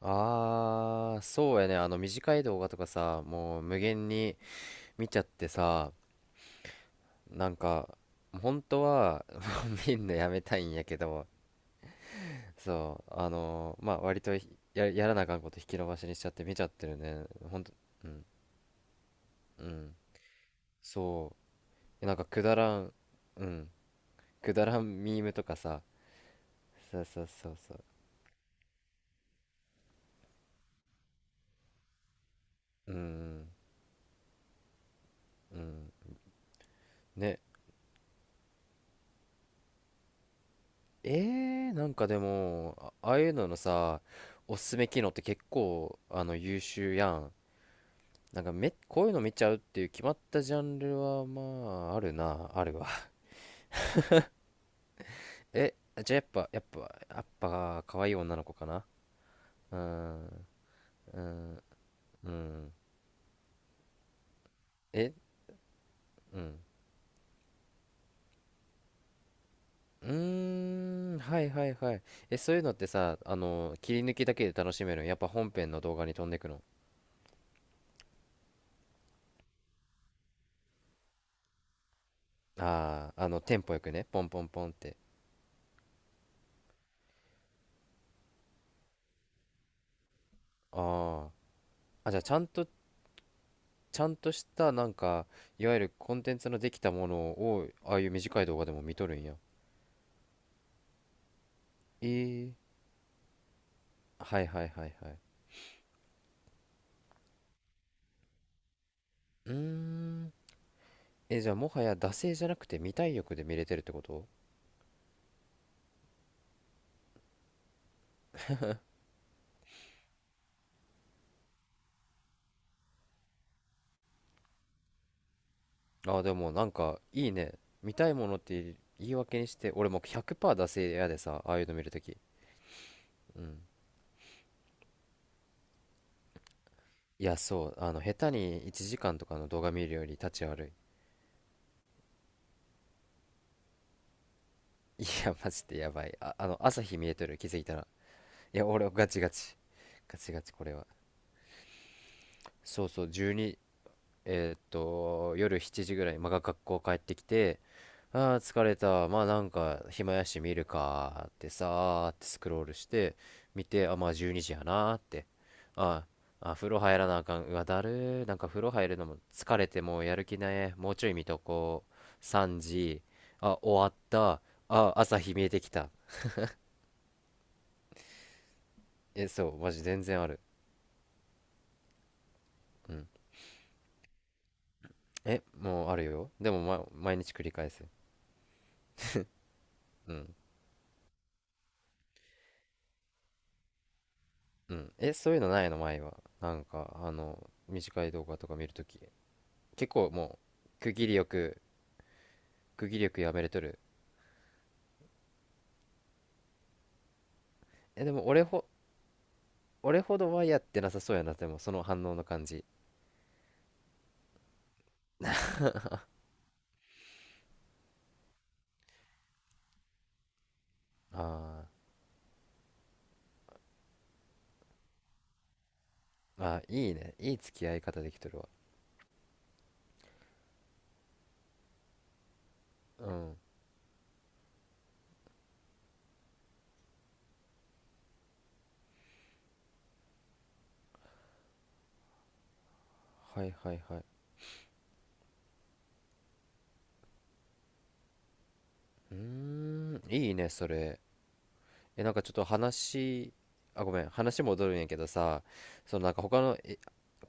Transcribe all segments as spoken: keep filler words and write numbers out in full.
ああ、そうやね。あの短い動画とかさ、もう無限に見ちゃってさ、なんか、本当は 見んのやめたいんやけど、そう、あのーまあ割とひや、やらなあかんこと引き延ばしにしちゃって見ちゃってるね。ほんと、うん、うん。そう。なんかくだらん、うん。くだらんミームとかさ、そうそうそうそう。うん、うん。ね。えー、なんかでも、あああいうののさ、おすすめ機能って結構、あの、優秀やん。なんかめ、こういうの見ちゃうっていう決まったジャンルは、まあ、あるな、あるわ。え、じゃあやっぱ、やっぱ、やっぱ、可愛い女の子かな。うーん、うーん、うん。え、うん。うーん、はいはいはい。え、そういうのってさ、あの、切り抜きだけで楽しめるのやっぱ本編の動画に飛んでくの。ああー、あの、テンポよくね、ポンポンポンって。ああ。あ、じゃあちゃんとちゃんとしたなんかいわゆるコンテンツのできたものをああいう短い動画でも見とるんや。えー、はいはいはいはい。うーん。え、じゃあもはや惰性じゃなくて見たい欲で見れてるってこと。あーでもなんかいいね。見たいものって言い訳にして俺もうひゃくパーセント惰性やでさ、ああいうの見るとき。うん、いやそう、あの下手にいちじかんとかの動画見るより立ち悪い。いやマジでやばい。あ、あの朝日見えとる、気づいたら。いや俺ガチガチガチガチこれは。そうそう、じゅうに、えーっと、夜しちじぐらい、まあ、が学校帰ってきて、ああ、疲れた。まあなんか、暇やし見るかーってさーってスクロールして、見て、あ、まあじゅうにじやなーって。あーあ、風呂入らなあかん。うわ、だるー。なんか風呂入るのも疲れてもうやる気ない。もうちょい見とこう。さんじ。あ、終わった。あ、朝日見えてきた。え、そう、マジ全然ある。うん。え、もうあるよ。でも、ま、毎日繰り返す。うん。うん。え、そういうのないの前は。なんか、あの、短い動画とか見るとき。結構もう、区切りよく、区切りよくやめれとる。え、でも俺ほ、俺ほどはやってなさそうやな、でも、その反応の感じ。あーあ、いいね。いい付き合い方できとるわ。うん。はいはいはい。うーん、いいね、それ。え、なんかちょっと話、あ、ごめん、話戻るんやけどさ、そのなんか他の、え、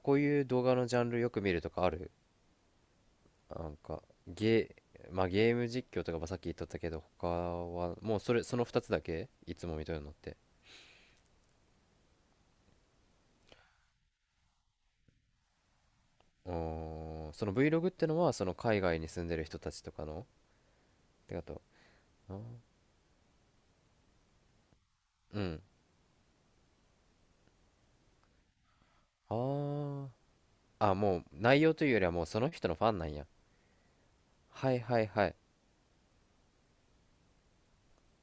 こういう動画のジャンルよく見るとかある。なんかゲー、まあ、ゲーム実況とかばさっき言っとったけど、他はもうそれそのふたつだけいつも見とるのって。うーん、その Vlog ってのはその海外に住んでる人たちとかのってかと。あー、うん。あー。あもう内容というよりはもうその人のファンなんや。はいはいはい。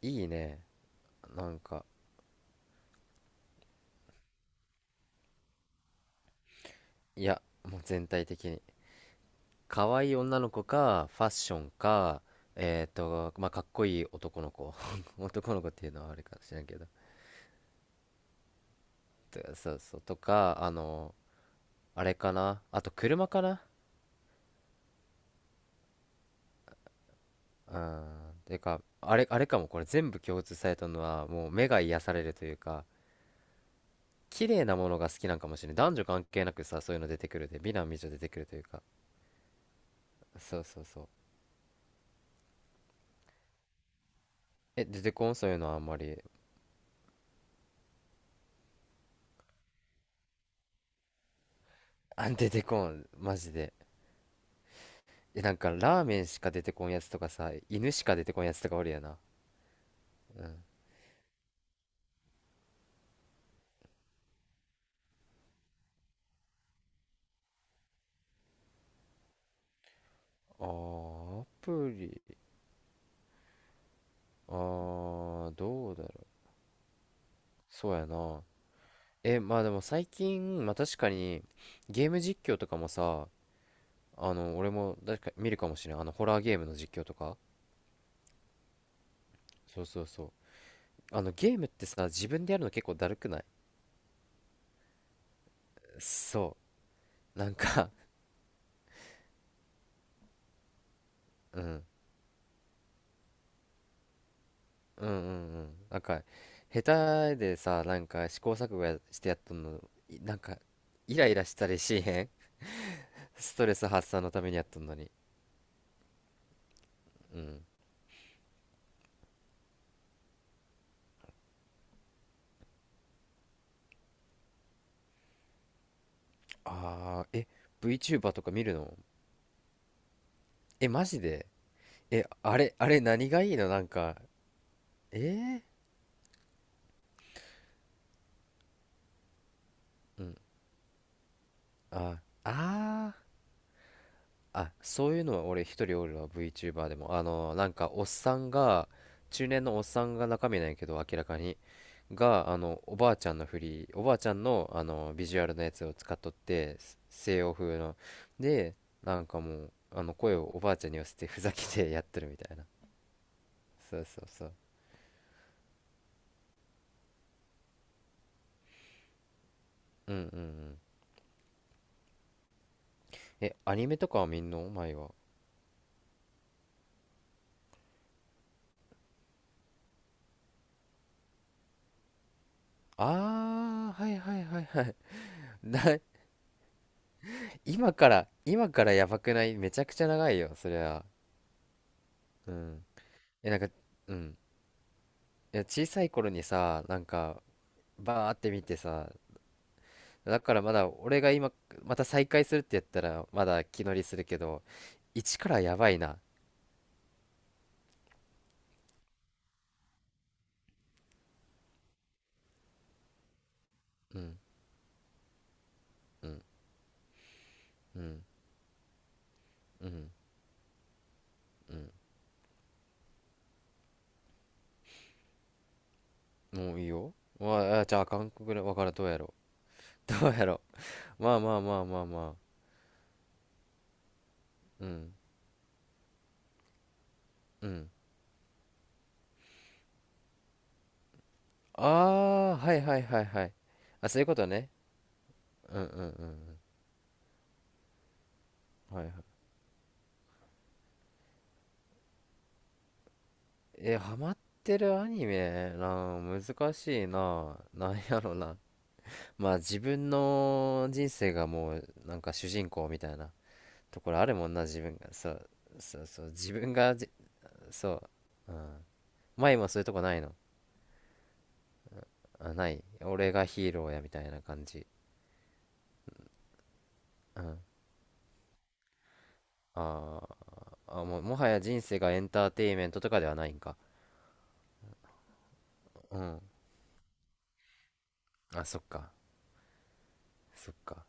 いいね。なんか、いや、もう全体的に。可愛い女の子かファッションか、えっーとまあかっこいい男の子、 男の子っていうのはあれかもしれんけど、とそうそう、とかあのあれかなあ、と車かな。うん、てかあれあれかも。これ全部共通されたのはもう目が癒されるというか、綺麗なものが好きなんかもしれない。男女関係なくさ、そういうの出てくるで美男美女出てくるというか。そうそうそう。え、出てこん、そういうのはあんまり。あ、出てこんマジで。え、なんかラーメンしか出てこんやつとかさ、犬しか出てこんやつとかおるやな。うん。あーアプリ。あーどうだろう。そうやな。え、まあでも最近、まあ確かに、ゲーム実況とかもさ、あの、俺も確か見るかもしれない。あの、ホラーゲームの実況とか。そうそうそう。あの、ゲームってさ、自分でやるの結構だるくない。そう。なんか、 うん。うんうんうん。なんか、下手でさ、なんか試行錯誤やしてやっとんの、いなんか、イライラしたりしへん。 ストレス発散のためにやっとんのに。うん。あー、え、VTuber とか見るの。え、マジで。え、あれ、あれ何がいいのなんか、えー、あ、あーあ、そういうのは俺一人おるわ、VTuber でも。あの、なんかおっさんが、中年のおっさんが中身なんやけど、明らかに。が、あの、おばあちゃんのフリー、おばあちゃんの、あの、ビジュアルのやつを使っとって、す西洋風の。で、なんかもう、あの、声をおばあちゃんに寄せてふざけてやってるみたいな。そうそうそう。うんうんうん。え、アニメとかは見んの前は。あー、はいはいはいはい。な、今から、今からやばくない。めちゃくちゃ長いよ、そりゃ。うん。え、なんか、うん。いや、小さい頃にさ、なんか、バーって見てさ、だからまだ、俺が今、また再会するってやったら、まだ気乗りするけど、一からやばいな。うん、うん、うん、うん、うん。もういいよ。まあ、じゃあ、韓国語わからん、どうやろう。どうやろう。まあまあまあまあまあ。うん、うん。ああ、はいはいはいはい。あ、そういうことね。うんうんうんうん。はいはい。え、ハマってるアニメなあ、難しいなあ。なんやろな。まあ自分の人生がもうなんか主人公みたいなところあるもんな、自分が。そう、そうそう、自分がじ、そう、うん。前もそういうとこないの。あ、ない。俺がヒーローやみたいな感じ。うん。あーあ、もう、もはや人生がエンターテインメントとかではないんか。うん。あ、そっか。そっか。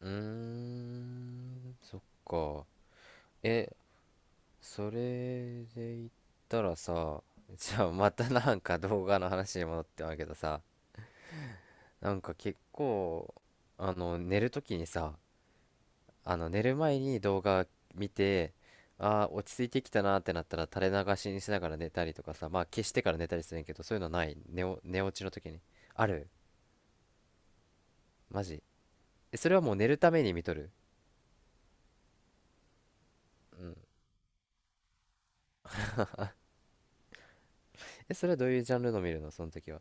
うーん、そっか。え、それで言ったらさ、じゃあまたなんか動画の話に戻ってまうけどさ、なんか結構、あの、寝るときにさ、あの、寝る前に動画見て、ああ、落ち着いてきたなーってなったら垂れ流しにしながら寝たりとかさ、まあ消してから寝たりするんやけど、そういうのない。寝お、寝落ちの時に。あるマジ。え、それはもう寝るために見とる。うん。え、それはどういうジャンルの見るのその時は。